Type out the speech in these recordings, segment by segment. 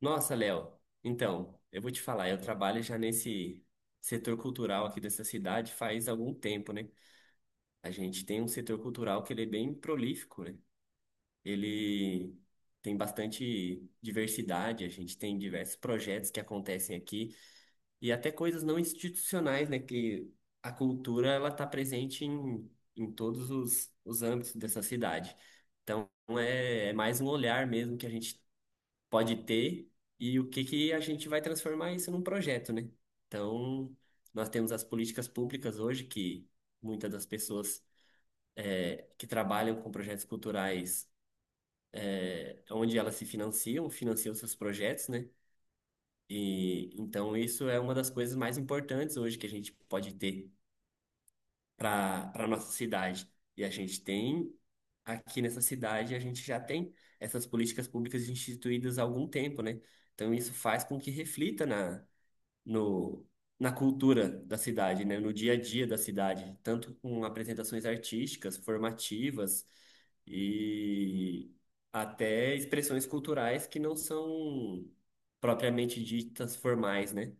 Nossa, Léo, então, eu vou te falar, eu trabalho já nesse setor cultural aqui dessa cidade faz algum tempo, né? A gente tem um setor cultural que ele é bem prolífico, né? Ele tem bastante diversidade, a gente tem diversos projetos que acontecem aqui e até coisas não institucionais, né? Que a cultura, ela tá presente em todos os âmbitos dessa cidade. Então, é mais um olhar mesmo que a gente pode ter e o que que a gente vai transformar isso num projeto, né? Então, nós temos as políticas públicas hoje que muitas das pessoas que trabalham com projetos culturais, onde elas se financiam, financiam seus projetos, né? E então isso é uma das coisas mais importantes hoje que a gente pode ter para nossa cidade. E a gente tem aqui nessa cidade, a gente já tem essas políticas públicas instituídas há algum tempo, né? Então isso faz com que reflita na no, na cultura da cidade, né? No dia a dia da cidade, tanto com apresentações artísticas, formativas e até expressões culturais que não são propriamente ditas formais, né?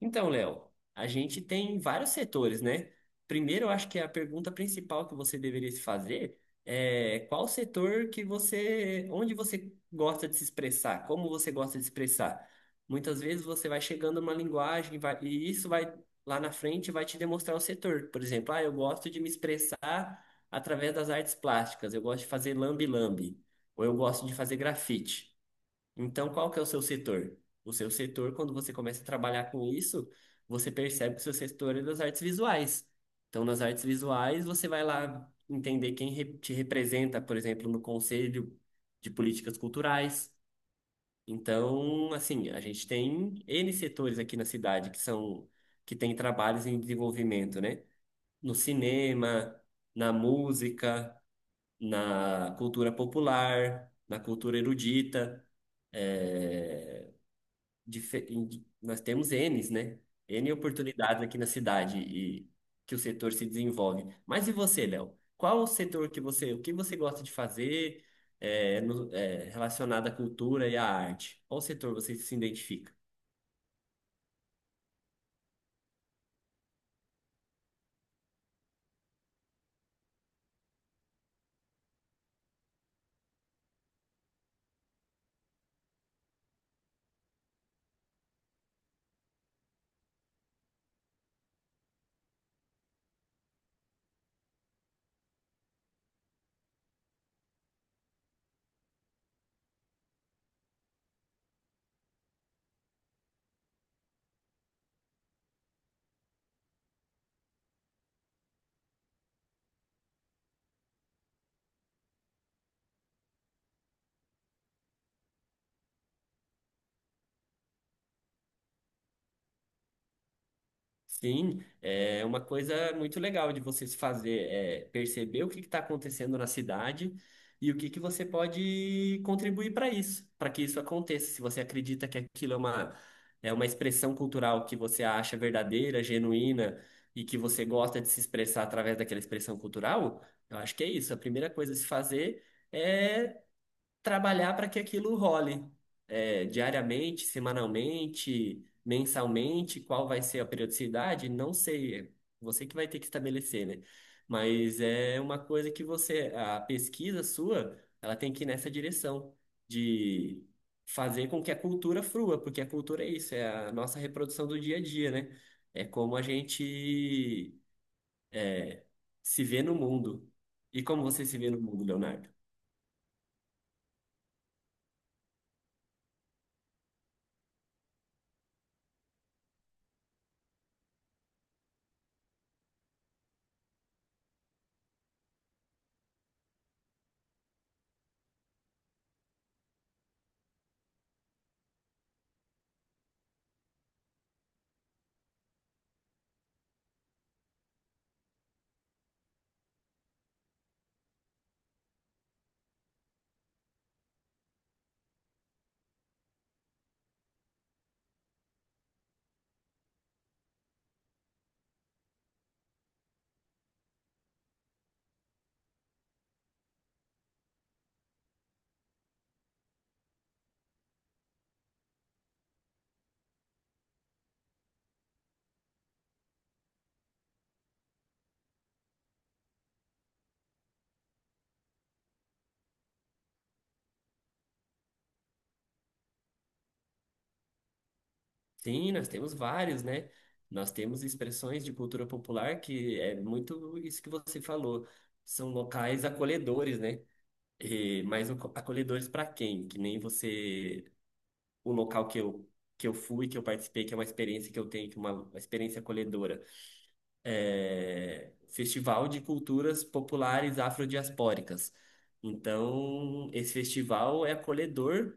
Então, Léo, a gente tem vários setores, né? Primeiro, eu acho que a pergunta principal que você deveria se fazer é qual setor que você, onde você gosta de se expressar, como você gosta de se expressar. Muitas vezes você vai chegando numa linguagem e isso vai lá na frente vai te demonstrar o setor. Por exemplo, ah, eu gosto de me expressar através das artes plásticas, eu gosto de fazer lambe-lambe, ou eu gosto de fazer grafite. Então, qual que é o seu setor? O seu setor, quando você começa a trabalhar com isso, você percebe que o seu setor é das artes visuais. Então, nas artes visuais, você vai lá entender quem te representa, por exemplo, no Conselho de Políticas Culturais. Então, assim, a gente tem N setores aqui na cidade que tem trabalhos em desenvolvimento, né? No cinema, na música, na cultura popular, na cultura erudita. eh, Nós temos Ns, né? N oportunidades aqui na cidade e que o setor se desenvolve. Mas e você, Léo? Qual o setor que você, o que você gosta de fazer é, relacionado à cultura e à arte? Qual setor você se identifica? Sim, é uma coisa muito legal de vocês fazer, é perceber o que está acontecendo na cidade e o que que você pode contribuir para isso, para que isso aconteça. Se você acredita que aquilo é uma, expressão cultural que você acha verdadeira, genuína e que você gosta de se expressar através daquela expressão cultural, eu acho que é isso. A primeira coisa a se fazer é trabalhar para que aquilo role, diariamente, semanalmente, mensalmente, qual vai ser a periodicidade, não sei, é você que vai ter que estabelecer, né? Mas é uma coisa que você, a pesquisa sua, ela tem que ir nessa direção de fazer com que a cultura frua, porque a cultura é isso, é a nossa reprodução do dia a dia, né? É como a gente é, se vê no mundo. E como você se vê no mundo, Leonardo? Sim, nós temos vários, né? Nós temos expressões de cultura popular que é muito isso que você falou. São locais acolhedores, né? E, mas acolhedores para quem? Que nem você, o local que eu, fui, que eu participei, que é uma experiência que eu tenho, que é uma experiência acolhedora. Festival de Culturas Populares Afrodiaspóricas. Então, esse festival é acolhedor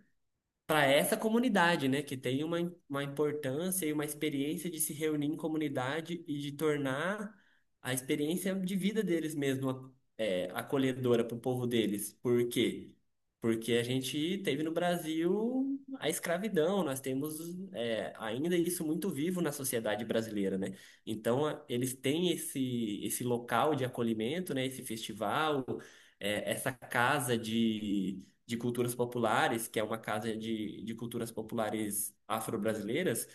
para essa comunidade, né, que tem uma importância e uma experiência de se reunir em comunidade e de tornar a experiência de vida deles mesmo, acolhedora para o povo deles. Por quê? Porque a gente teve no Brasil a escravidão, nós temos, ainda isso muito vivo na sociedade brasileira, né? Então, eles têm esse local de acolhimento, né, esse festival, essa casa de culturas populares, que é uma casa de culturas populares afro-brasileiras,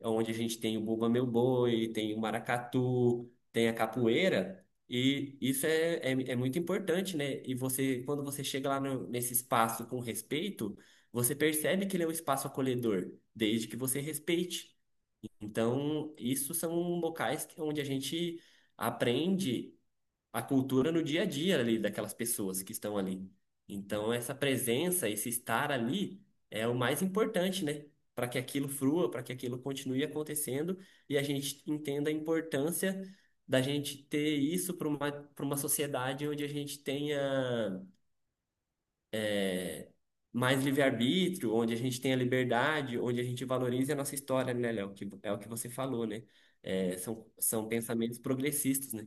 é onde a gente tem o Bumba Meu Boi, tem o maracatu, tem a capoeira, e isso é muito importante, né? E você, quando você chega lá nesse espaço com respeito, você percebe que ele é um espaço acolhedor, desde que você respeite. Então, isso são locais onde a gente aprende a cultura no dia a dia ali daquelas pessoas que estão ali. Então, essa presença, esse estar ali é o mais importante, né? Para que aquilo frua, para que aquilo continue acontecendo e a gente entenda a importância da gente ter isso para uma, sociedade onde a gente tenha mais livre-arbítrio, onde a gente tenha liberdade, onde a gente valorize a nossa história, né, Léo? Que é o que você falou, né? São pensamentos progressistas, né?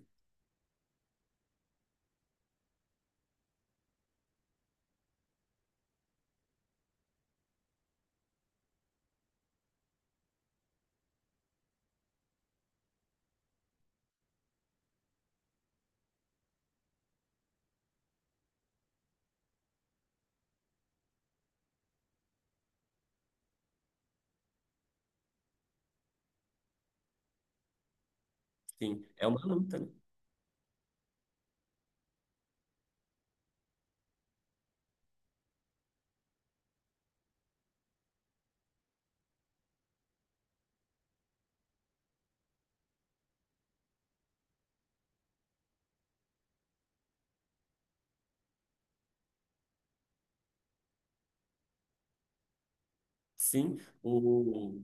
Sim, é uma luta, né? Sim, o,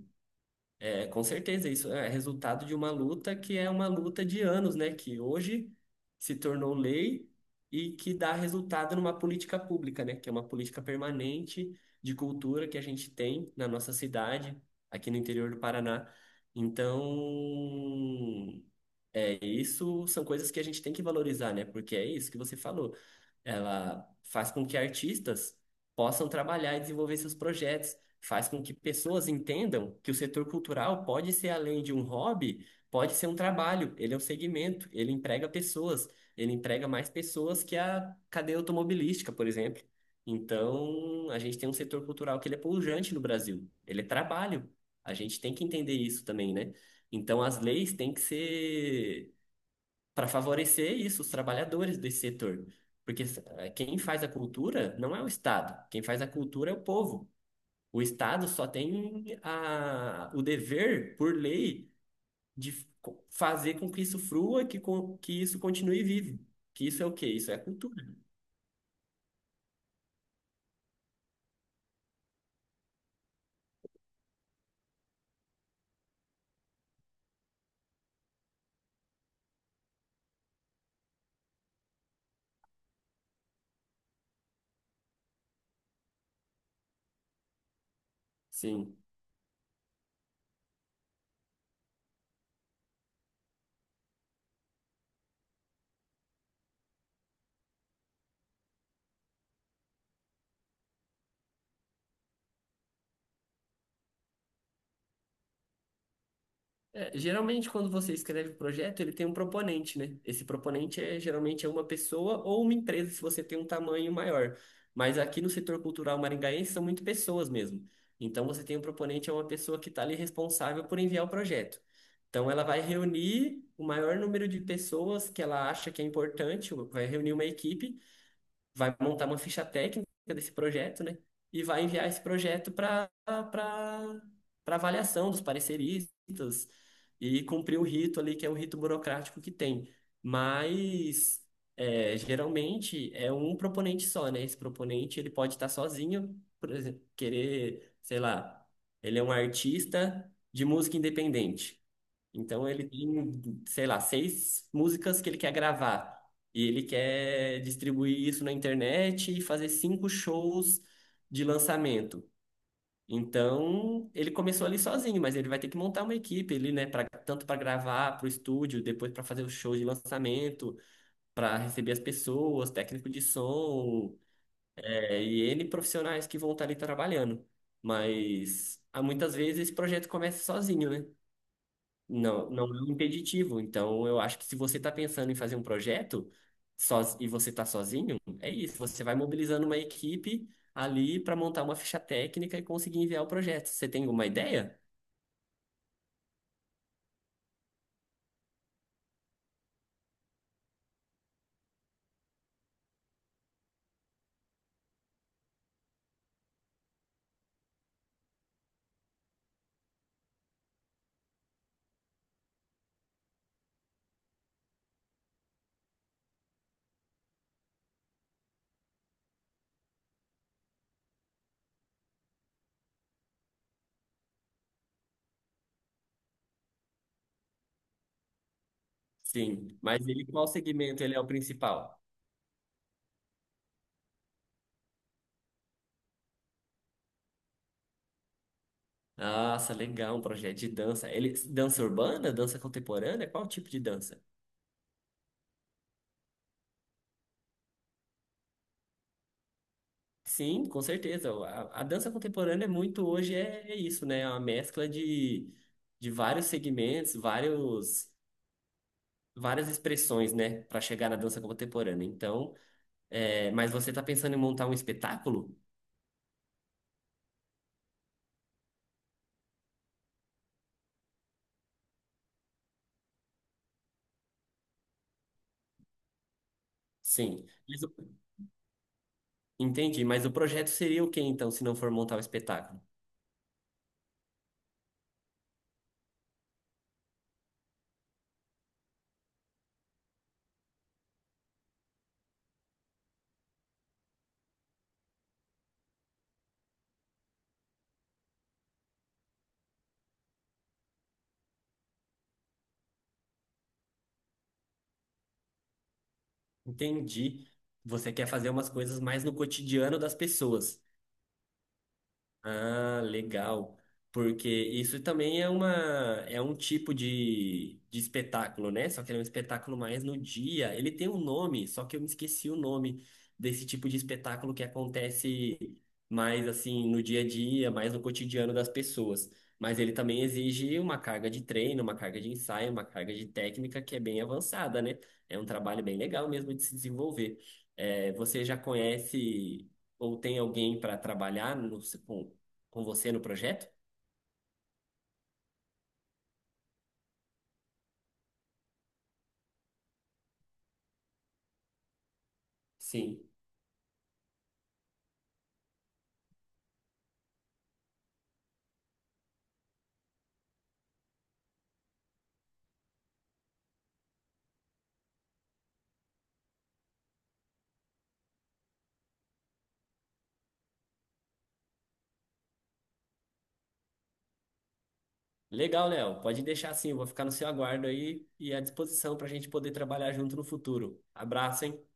Com certeza, isso é resultado de uma luta que é uma luta de anos, né? Que hoje se tornou lei e que dá resultado numa política pública, né? Que é uma política permanente de cultura que a gente tem na nossa cidade, aqui no interior do Paraná. Então, isso são coisas que a gente tem que valorizar, né? Porque é isso que você falou, ela faz com que artistas possam trabalhar e desenvolver seus projetos, faz com que pessoas entendam que o setor cultural pode ser além de um hobby, pode ser um trabalho, ele é um segmento, ele emprega pessoas, ele emprega mais pessoas que a cadeia automobilística, por exemplo. Então, a gente tem um setor cultural que ele é pujante no Brasil, ele é trabalho. A gente tem que entender isso também, né? Então, as leis têm que ser para favorecer isso, os trabalhadores desse setor. Porque, quem faz a cultura não é o Estado, quem faz a cultura é o povo. O Estado só tem o dever, por lei, de fazer com que isso frua, que isso continue vivo. Que isso é o quê? Isso é a cultura. Sim. Geralmente, quando você escreve o projeto, ele tem um proponente, né? Esse proponente é geralmente uma pessoa ou uma empresa, se você tem um tamanho maior. Mas aqui no setor cultural maringaense são muito pessoas mesmo. Então, você tem um proponente, é uma pessoa que está ali responsável por enviar o projeto. Então, ela vai reunir o maior número de pessoas que ela acha que é importante, vai reunir uma equipe, vai montar uma ficha técnica desse projeto, né? E vai enviar esse projeto para avaliação dos pareceristas e cumprir o rito ali, que é o rito burocrático que tem. Mas, geralmente é um proponente só, né? Esse proponente ele pode estar sozinho, por exemplo, querer, sei lá, ele é um artista de música independente. Então ele tem, sei lá, 6 músicas que ele quer gravar. E ele quer distribuir isso na internet e fazer 5 shows de lançamento. Então, ele começou ali sozinho, mas ele vai ter que montar uma equipe ali, né, pra, tanto para gravar para o estúdio, depois para fazer os shows de lançamento, para receber as pessoas, técnico de som, e N profissionais que vão estar ali trabalhando. Mas há muitas vezes esse projeto começa sozinho, né? Não, não é um impeditivo. Então, eu acho que se você está pensando em fazer um projeto e você está sozinho, é isso. Você vai mobilizando uma equipe ali para montar uma ficha técnica e conseguir enviar o projeto. Você tem alguma ideia? Sim. Mas ele, qual segmento ele é o principal? Nossa, legal, um projeto de dança. Ele, dança urbana, dança contemporânea? Qual tipo de dança? Sim, com certeza. A dança contemporânea é muito hoje, é isso, né? É uma mescla de vários segmentos, vários. Várias expressões, né, para chegar na dança contemporânea. Então, mas você está pensando em montar um espetáculo? Sim. Mas entendi. Mas o projeto seria o quê, então, se não for montar um espetáculo? Entendi. Você quer fazer umas coisas mais no cotidiano das pessoas. Ah, legal. Porque isso também é uma é um tipo de espetáculo, né? Só que ele é um espetáculo mais no dia. Ele tem um nome, só que eu me esqueci o nome desse tipo de espetáculo que acontece mais assim no dia a dia, mais no cotidiano das pessoas. Mas ele também exige uma carga de treino, uma carga de ensaio, uma carga de técnica que é bem avançada, né? É um trabalho bem legal mesmo de se desenvolver. Você já conhece ou tem alguém para trabalhar com você no projeto? Sim. Legal, Léo. Pode deixar assim, eu vou ficar no seu aguardo aí e à disposição para a gente poder trabalhar junto no futuro. Abraço, hein?